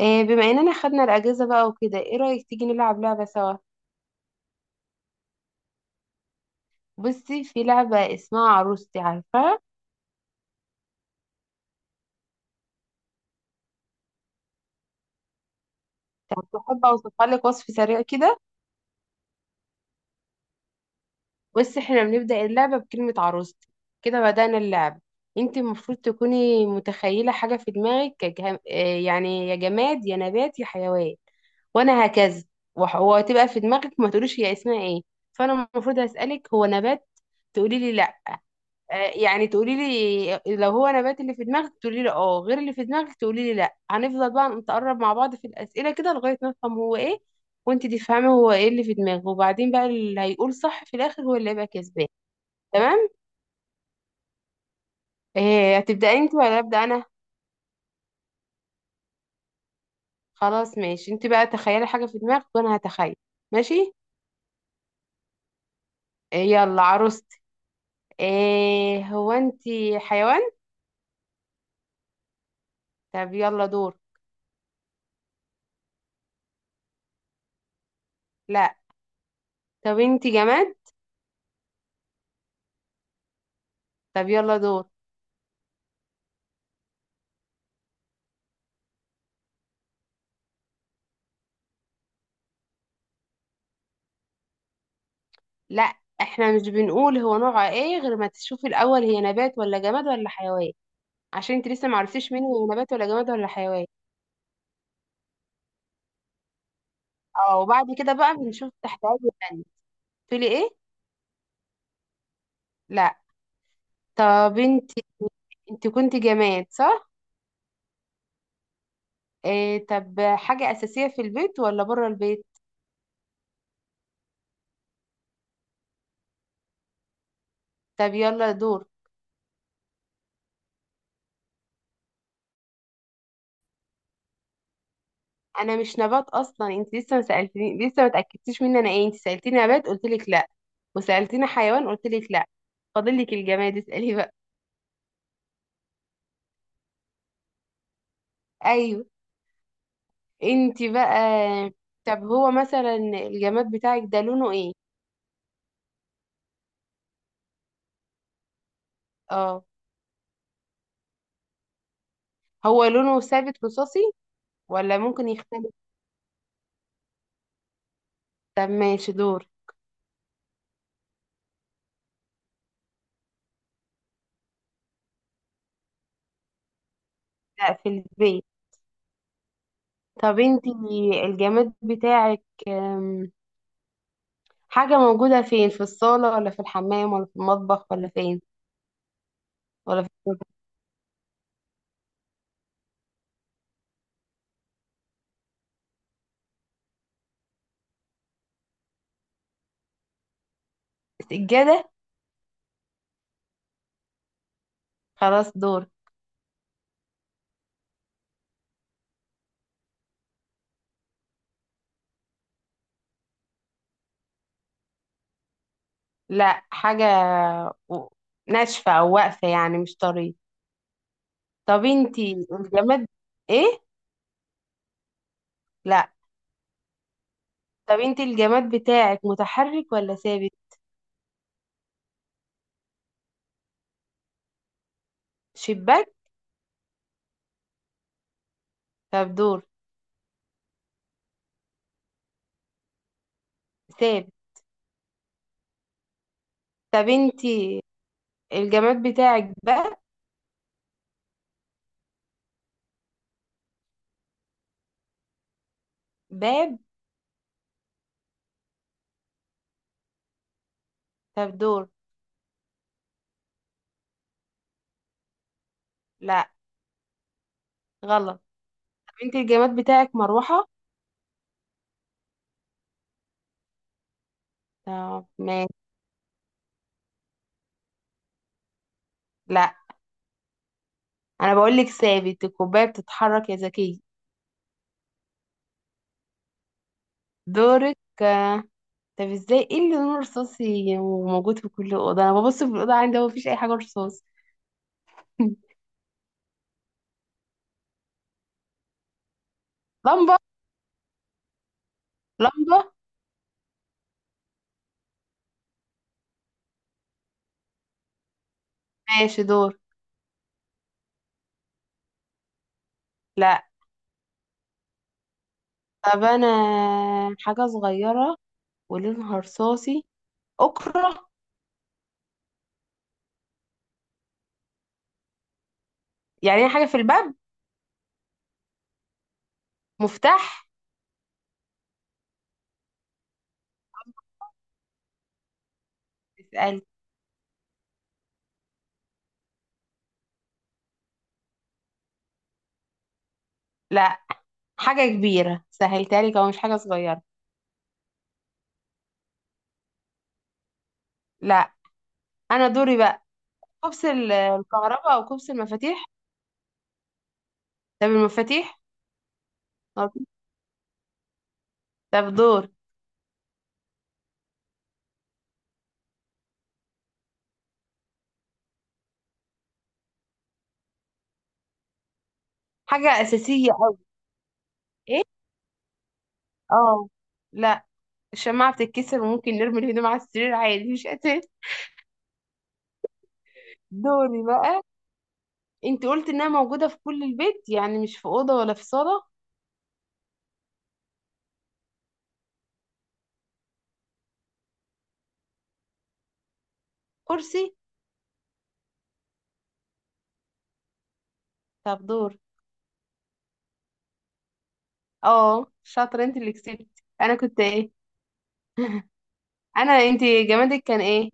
بما اننا خدنا الاجازه بقى وكده، ايه رايك تيجي نلعب لعبه سوا؟ بصي، في لعبه اسمها عروستي، عارفاها؟ طب تحب اوصفها لك وصف سريع كده؟ بصي، احنا بنبدا اللعبه بكلمه عروستي. كده بدانا اللعبه. انت المفروض تكوني متخيله حاجه في دماغك، كجه... آه، يعني يا جماد يا نبات يا حيوان. وانا هكذا. وهتبقى في دماغك، ما تقوليش هي اسمها ايه. فانا المفروض اسالك هو نبات. تقولي لي لا. يعني تقولي لي لو هو نبات اللي في دماغك تقولي لي اه، غير اللي في دماغك تقولي لي لا. هنفضل بقى نتقرب مع بعض في الأسئلة كده لغاية ما نفهم هو ايه. وانت تفهمي هو ايه اللي في دماغه، وبعدين بقى اللي هيقول صح في الآخر هو اللي هيبقى كسبان. تمام. هتبدأي انت ولا أبدأ انا؟ خلاص ماشي، انت بقى تخيلي حاجة في دماغك وانا هتخيل. ماشي. يلا عروست. هو انت حيوان؟ طب يلا دور. لا. طب انت جماد. طب يلا دور. لا. احنا مش بنقول هو نوعه ايه غير ما تشوفي الاول هي نبات ولا جماد ولا حيوان. عشان انت لسه معرفتيش مني هو نبات ولا جماد ولا حيوان. اه، وبعد كده بقى بنشوف تحت اي تانية. تقولي ايه؟ لا. طب انت. انت كنت جماد صح؟ إيه. طب حاجة اساسية في البيت ولا بره البيت؟ طب يلا دور. انا مش نبات اصلا، انت لسه ما سالتني، لسه ما اتاكدتيش مني انا ايه. انت سالتيني نبات قلت لك لا. وسالتيني حيوان قلت لك لا. فاضل لك الجماد، اسالي بقى. ايوه. انت بقى. طب هو مثلا الجماد بتاعك ده لونه ايه؟ اه. هو لونه ثابت رصاصي ولا ممكن يختلف؟ طب ماشي دور. لا، في البيت. طب انت. الجماد بتاعك، حاجة موجودة فين، في الصالة ولا في الحمام ولا في المطبخ ولا فين؟ ولا في؟ السجادة. خلاص دور. لا، حاجة و- ناشفة او واقفة، يعني مش طرية. طب انت الجماد، ايه؟ لا. طب انت الجماد بتاعك متحرك ولا ثابت؟ شباك. طب دور. ثابت. طب انت الجماد بتاعك باب. باب؟ طب دور. لا غلط طب انت الجماد بتاعك مروحة؟ طب ماشي. لا. انا بقول لك ثابت، الكوباية بتتحرك يا ذكية. دورك. آه. طب ازاي؟ ايه اللي لونه رصاصي وموجود في كل اوضه؟ انا ببص في الاوضه عندي هو مفيش اي حاجه رصاص. لمبه. لمبه. ماشي دور. لا. طب انا حاجه صغيره ولونها رصاصي. أكرة. يعني حاجة في الباب. مفتاح. اسألي. لا، حاجة كبيرة سهلتها لك، أو مش حاجة صغيرة. لا. أنا دوري بقى. كبس الكهرباء، أو كبس المفاتيح. طب المفاتيح. طب. طب دور. حاجة أساسية أوي. إيه. اه. لا. الشماعة بتتكسر، وممكن نرمي الهدوم على السرير عادي، مش أساسي. دوري بقى. أنت قلت إنها موجودة في كل البيت، يعني مش في أوضة ولا في صالة. كرسي. طب دور. اه، شاطرة، أنت اللي كسبت. أنا كنت إيه؟ انت جمادك كان ايه؟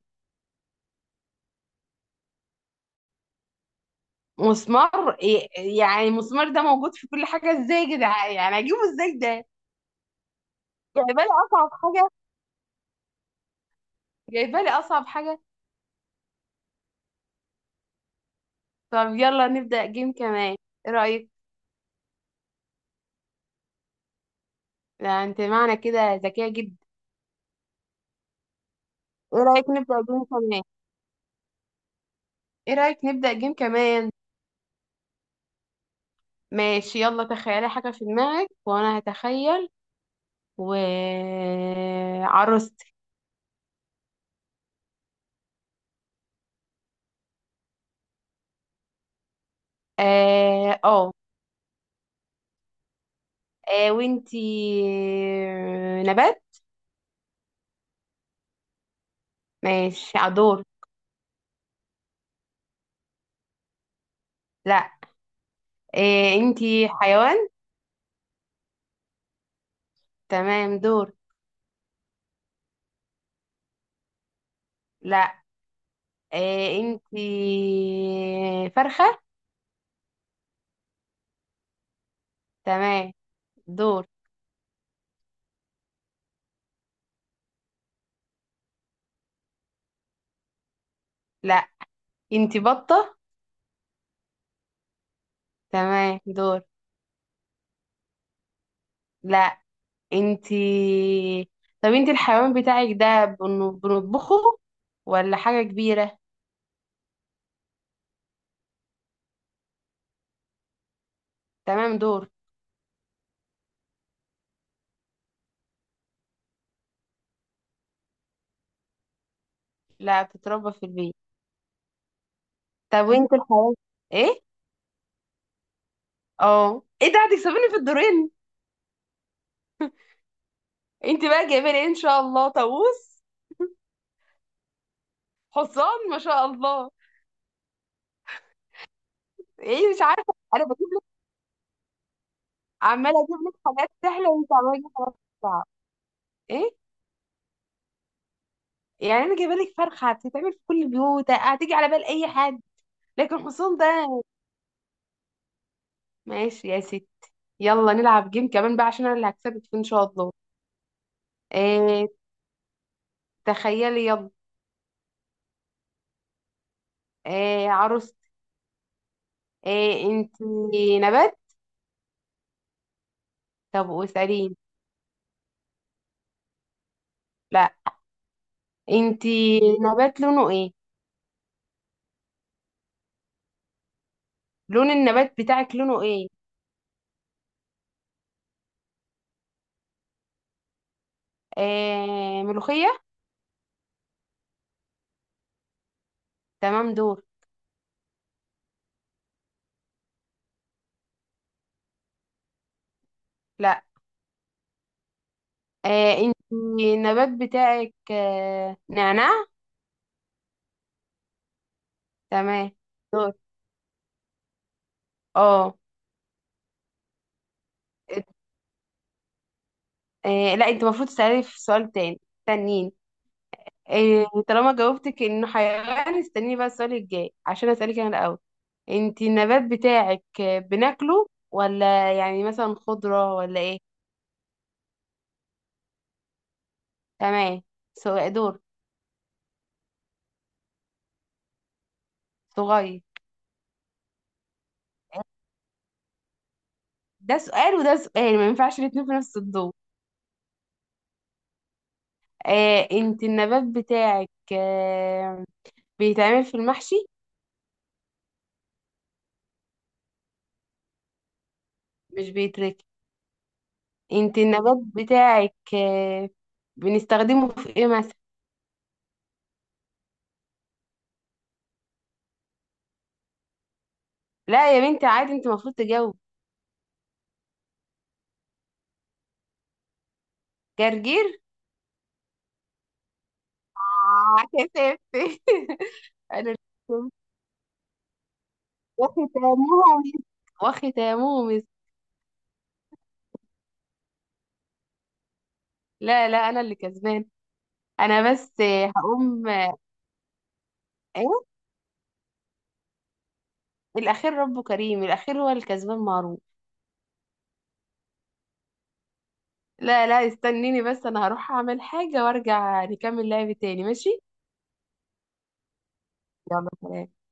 مسمار يعني المسمار ده موجود في كل حاجه ازاي يا جدعان؟ يعني اجيبه ازاي ده؟ جايبه لي اصعب حاجه. جايبه لي اصعب حاجه. طب يلا نبدا جيم كمان. ايه رايك؟ لا، انت معنى كده ذكيه جدا. ايه رايك نبدا جيم كمان؟ ايه رايك نبدا جيم كمان؟ ماشي، يلا تخيلي حاجه في دماغك وانا هتخيل. و عروستي. اه اه. وانتي نبات؟ ماشي عدور. لا. إيه انتي حيوان؟ تمام دور. لا. إيه انتي فرخة؟ تمام. دور. لا. انتي بطة؟ تمام دور. لا. انتي. طب انتي الحيوان بتاعك ده بنطبخه ولا حاجة كبيرة؟ تمام دور. لا، بتتربى في البيت. طب وانت الحيوان، ايه؟ اه. ايه ده، هتكسبيني في الدورين. انتي بقى جايبه لي ايه؟ ان شاء الله طاووس؟ حصان؟ ما شاء الله. ايه، مش عارفة انا بجيب. عماله اجيب لك حاجات سهله وانت عماله تجيب حاجات صعبه. ايه، يعني انا جايبه لك فرخه هتتعمل في كل البيوت، هتيجي على بال اي حد. لكن حصان ده. ماشي يا ستي. يلا نلعب جيم كمان بقى، عشان انا اللي هكسبك فيه ان شاء الله. إيه. تخيلي يلا. إيه عروستي. إيه انت نبات؟ طب واساليني. لا. انت نبات لونه ايه؟ لون النبات بتاعك لونه ايه؟ إيه ملوخيه؟ تمام دور. لا. إيه انت النبات بتاعك، نعناع؟ تمام دور. اه. ات- لا، انت المفروض تسألي في سؤال تاني تانيين. طالما جاوبتك انه حيوان، استني بقى السؤال الجاي عشان اسألك انا الاول. انت النبات بتاعك، بناكله ولا يعني مثلا خضرة ولا ايه؟ تمام. سؤال دور. صغير. ده سؤال وده سؤال، ما ينفعش الاتنين في نفس الدور. انت النبات بتاعك، بيتعمل في المحشي؟ مش بيتركن. انت النبات بتاعك، بنستخدمه في ايه مثلا؟ لا يا بنتي عادي، انت المفروض تجاوب. جرجير. كسفتي. انا اللي كسبت. وختامه مسك. وختامه مسك. لا لا، انا اللي كسبان. انا بس هقوم. ايه؟ الاخير ربه كريم، الاخير هو الكسبان معروف. لا لا، استنيني بس، انا هروح اعمل حاجة وارجع نكمل لعب تاني، ماشي. يلا سلام.